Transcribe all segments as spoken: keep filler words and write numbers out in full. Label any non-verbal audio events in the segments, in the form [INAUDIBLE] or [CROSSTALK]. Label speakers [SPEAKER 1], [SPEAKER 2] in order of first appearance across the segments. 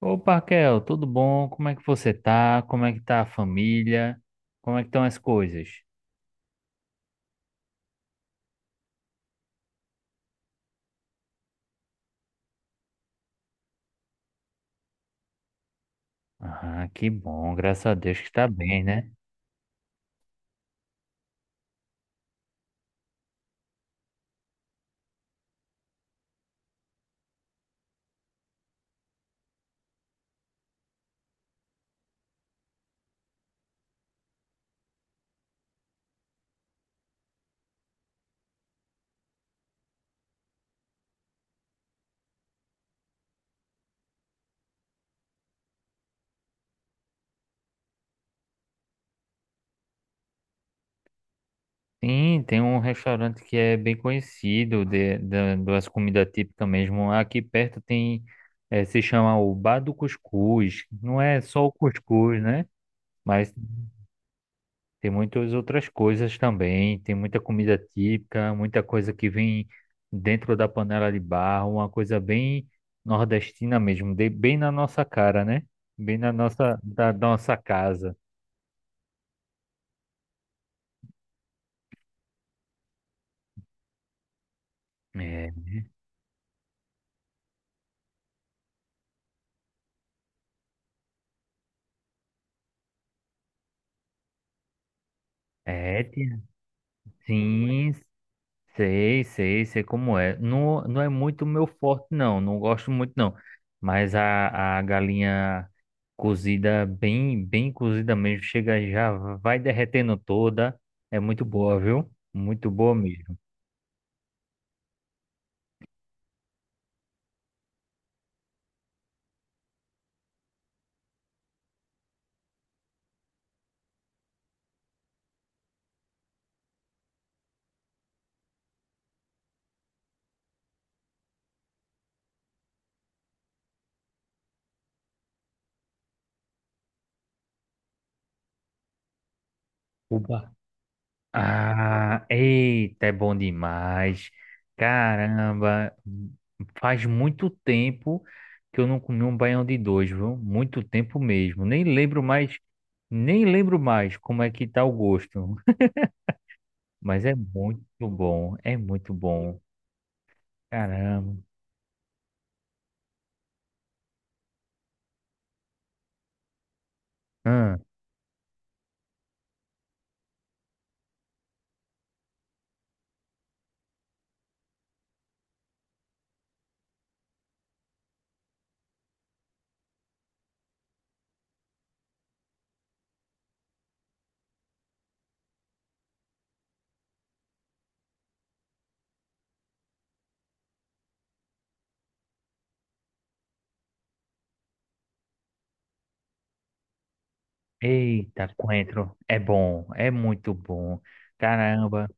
[SPEAKER 1] Ô, Parkel, tudo bom? Como é que você tá? Como é que tá a família? Como é que estão as coisas? Ah, que bom, graças a Deus que tá bem, né? Sim, tem um restaurante que é bem conhecido de, da- das comidas típicas mesmo. Aqui perto tem, eh, se chama o Bar do Cuscuz. Não é só o cuscuz, né? Mas tem muitas outras coisas também, tem muita comida típica, muita coisa que vem dentro da panela de barro, uma coisa bem nordestina mesmo, de- bem na nossa cara, né? Bem na nossa, da nossa casa. É, é, tia. Sim, sei, sei, sei como é. Não, não é muito meu forte, não. Não gosto muito, não. Mas a, a galinha cozida, bem, bem cozida mesmo, chega já, vai derretendo toda. É muito boa, viu? Muito boa mesmo. Opa. Ah, eita, é bom demais. Caramba, faz muito tempo que eu não comi um baião de dois, viu? Muito tempo mesmo. Nem lembro mais, nem lembro mais como é que tá o gosto. Mas é muito bom, é muito bom. Caramba. Hum, eita, coentro, é bom, é muito bom. Caramba,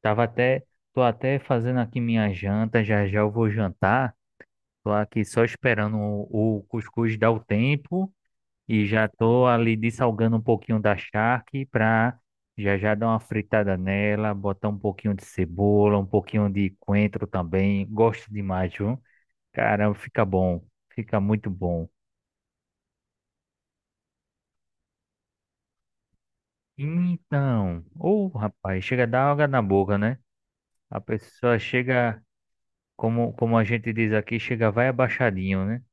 [SPEAKER 1] tava até, tô até fazendo aqui minha janta, já já eu vou jantar. Tô aqui só esperando o, o cuscuz dar o tempo e já tô ali dessalgando um pouquinho da charque pra já já dar uma fritada nela, botar um pouquinho de cebola, um pouquinho de coentro também. Gosto demais, viu? Caramba, fica bom, fica muito bom. Então, ou rapaz, chega a dar água na boca, né? A pessoa chega, como, como a gente diz aqui, chega vai abaixadinho, né?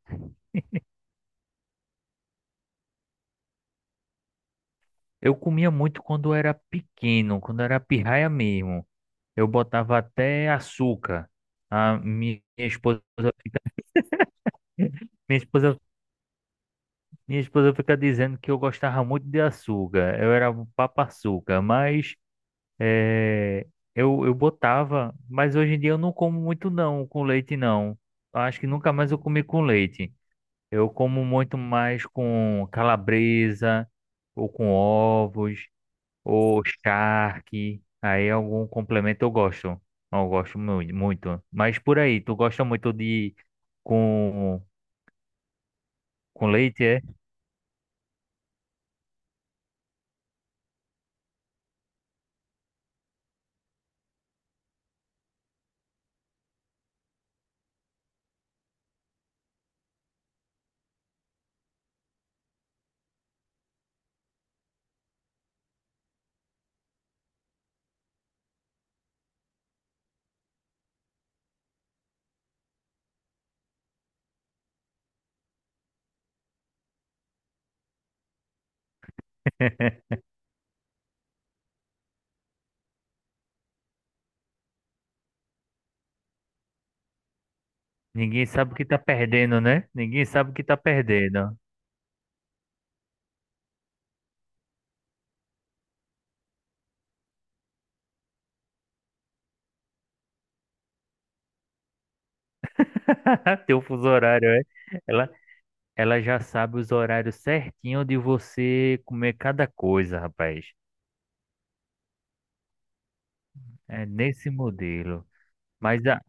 [SPEAKER 1] Eu comia muito quando era pequeno, quando era pirraia mesmo. Eu botava até açúcar. A minha esposa fica, minha esposa, minha esposa fica dizendo que eu gostava muito de açúcar. Eu era um papa-açúcar, mas eh, eu, eu botava, mas hoje em dia eu não como muito não, com leite não. Acho que nunca mais eu comi com leite. Eu como muito mais com calabresa, ou com ovos, ou charque. Aí algum complemento eu gosto. Eu gosto mui- muito. Mas por aí, tu gosta muito de com, com leite, é? [LAUGHS] Ninguém sabe o que tá perdendo, né? Ninguém sabe o que tá perdendo. [LAUGHS] Teu fuso horário, é? Ela, ela já sabe os horários certinho de você comer cada coisa, rapaz. É nesse modelo. Mas, a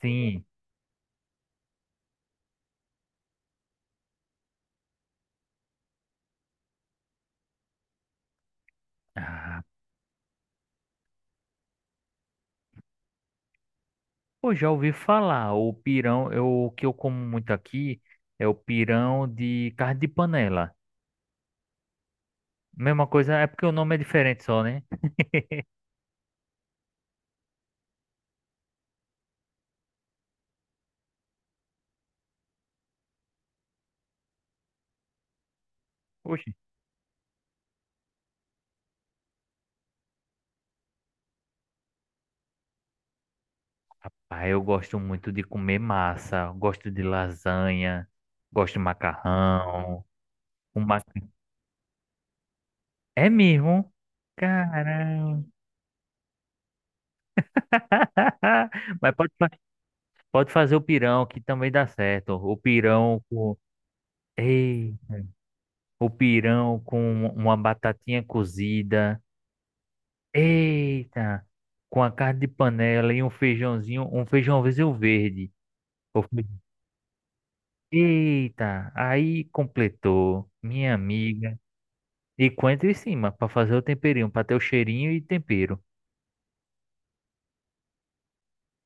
[SPEAKER 1] sim. Ah, pô, já ouvi falar. O pirão, eu, o que eu como muito aqui é o pirão de carne de panela. Mesma coisa, é porque o nome é diferente só, né? Oxi. Ah, eu gosto muito de comer massa, gosto de lasanha, gosto de macarrão. O ma- É mesmo? Caramba! [LAUGHS] Mas pode, fa- pode fazer o pirão, que também dá certo. O pirão com. Ei, o pirão com uma batatinha cozida. Eita, com a carne de panela e um feijãozinho, um feijãozinho verde. Ou fe- eita, aí completou, minha amiga. E coentro em cima, para fazer o temperinho, para ter o cheirinho e tempero.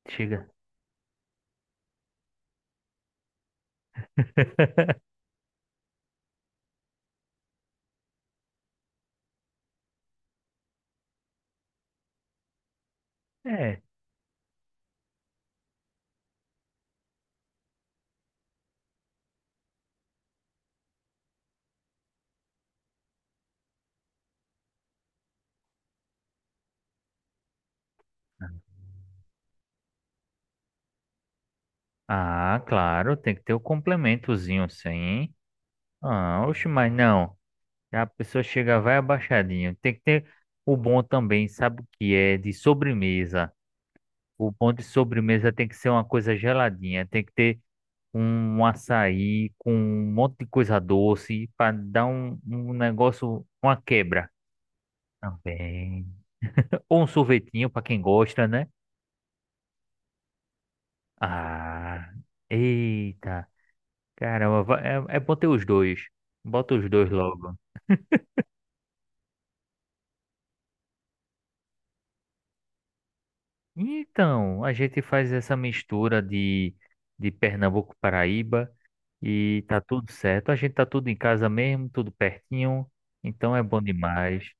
[SPEAKER 1] Chega. [LAUGHS] É. Ah, claro, tem que ter o complementozinho, sim. Ah, oxe, mas não. A pessoa chega, vai abaixadinho. Tem que ter o bom também, sabe o que é? De sobremesa. O bom de sobremesa tem que ser uma coisa geladinha. Tem que ter um açaí, com um monte de coisa doce, para dar um, um negócio, uma quebra também. Ou um sorvetinho para quem gosta, né? Ah, eita, caramba, va- é, é bom ter os dois. Bota os dois logo. Então, a gente faz essa mistura de, de Pernambuco, Paraíba e tá tudo certo. A gente tá tudo em casa mesmo, tudo pertinho, então é bom demais.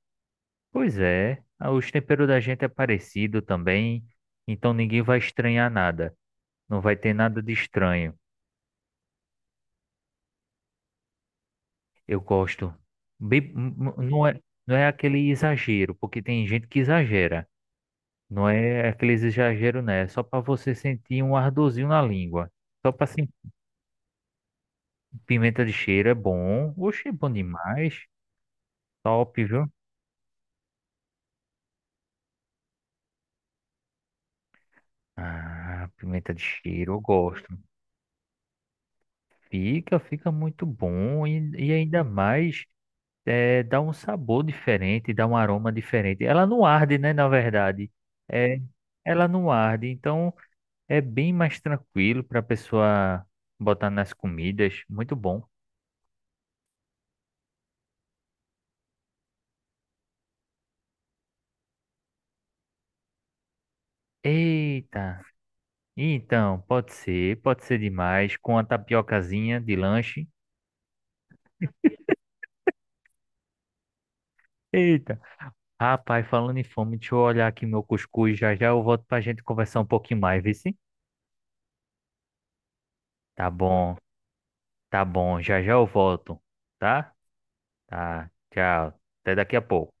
[SPEAKER 1] Pois é, ah, os temperos da gente é parecido também, então ninguém vai estranhar nada. Não vai ter nada de estranho. Eu gosto. Bem- m- m- não é, não é aquele exagero, porque tem gente que exagera. Não é aquele exagero, né? É só para você sentir um ardorzinho na língua. Só para sentir pimenta de cheiro é bom. Oxe, é bom demais. Top, viu? Ah, pimenta de cheiro, eu gosto. Fica, fica muito bom e, e ainda mais. É, dá um sabor diferente, dá um aroma diferente. Ela não arde, né, na verdade. É, ela não arde, então é bem mais tranquilo para a pessoa botar nas comidas. Muito bom. Eita. Então, pode ser, pode ser demais com a tapiocazinha de lanche. Eita. Rapaz, falando em fome, deixa eu olhar aqui meu cuscuz, já já eu volto pra gente conversar um pouquinho mais, viu? Sim? Tá bom, tá bom, já já eu volto, tá? Tá. Tchau. Até daqui a pouco.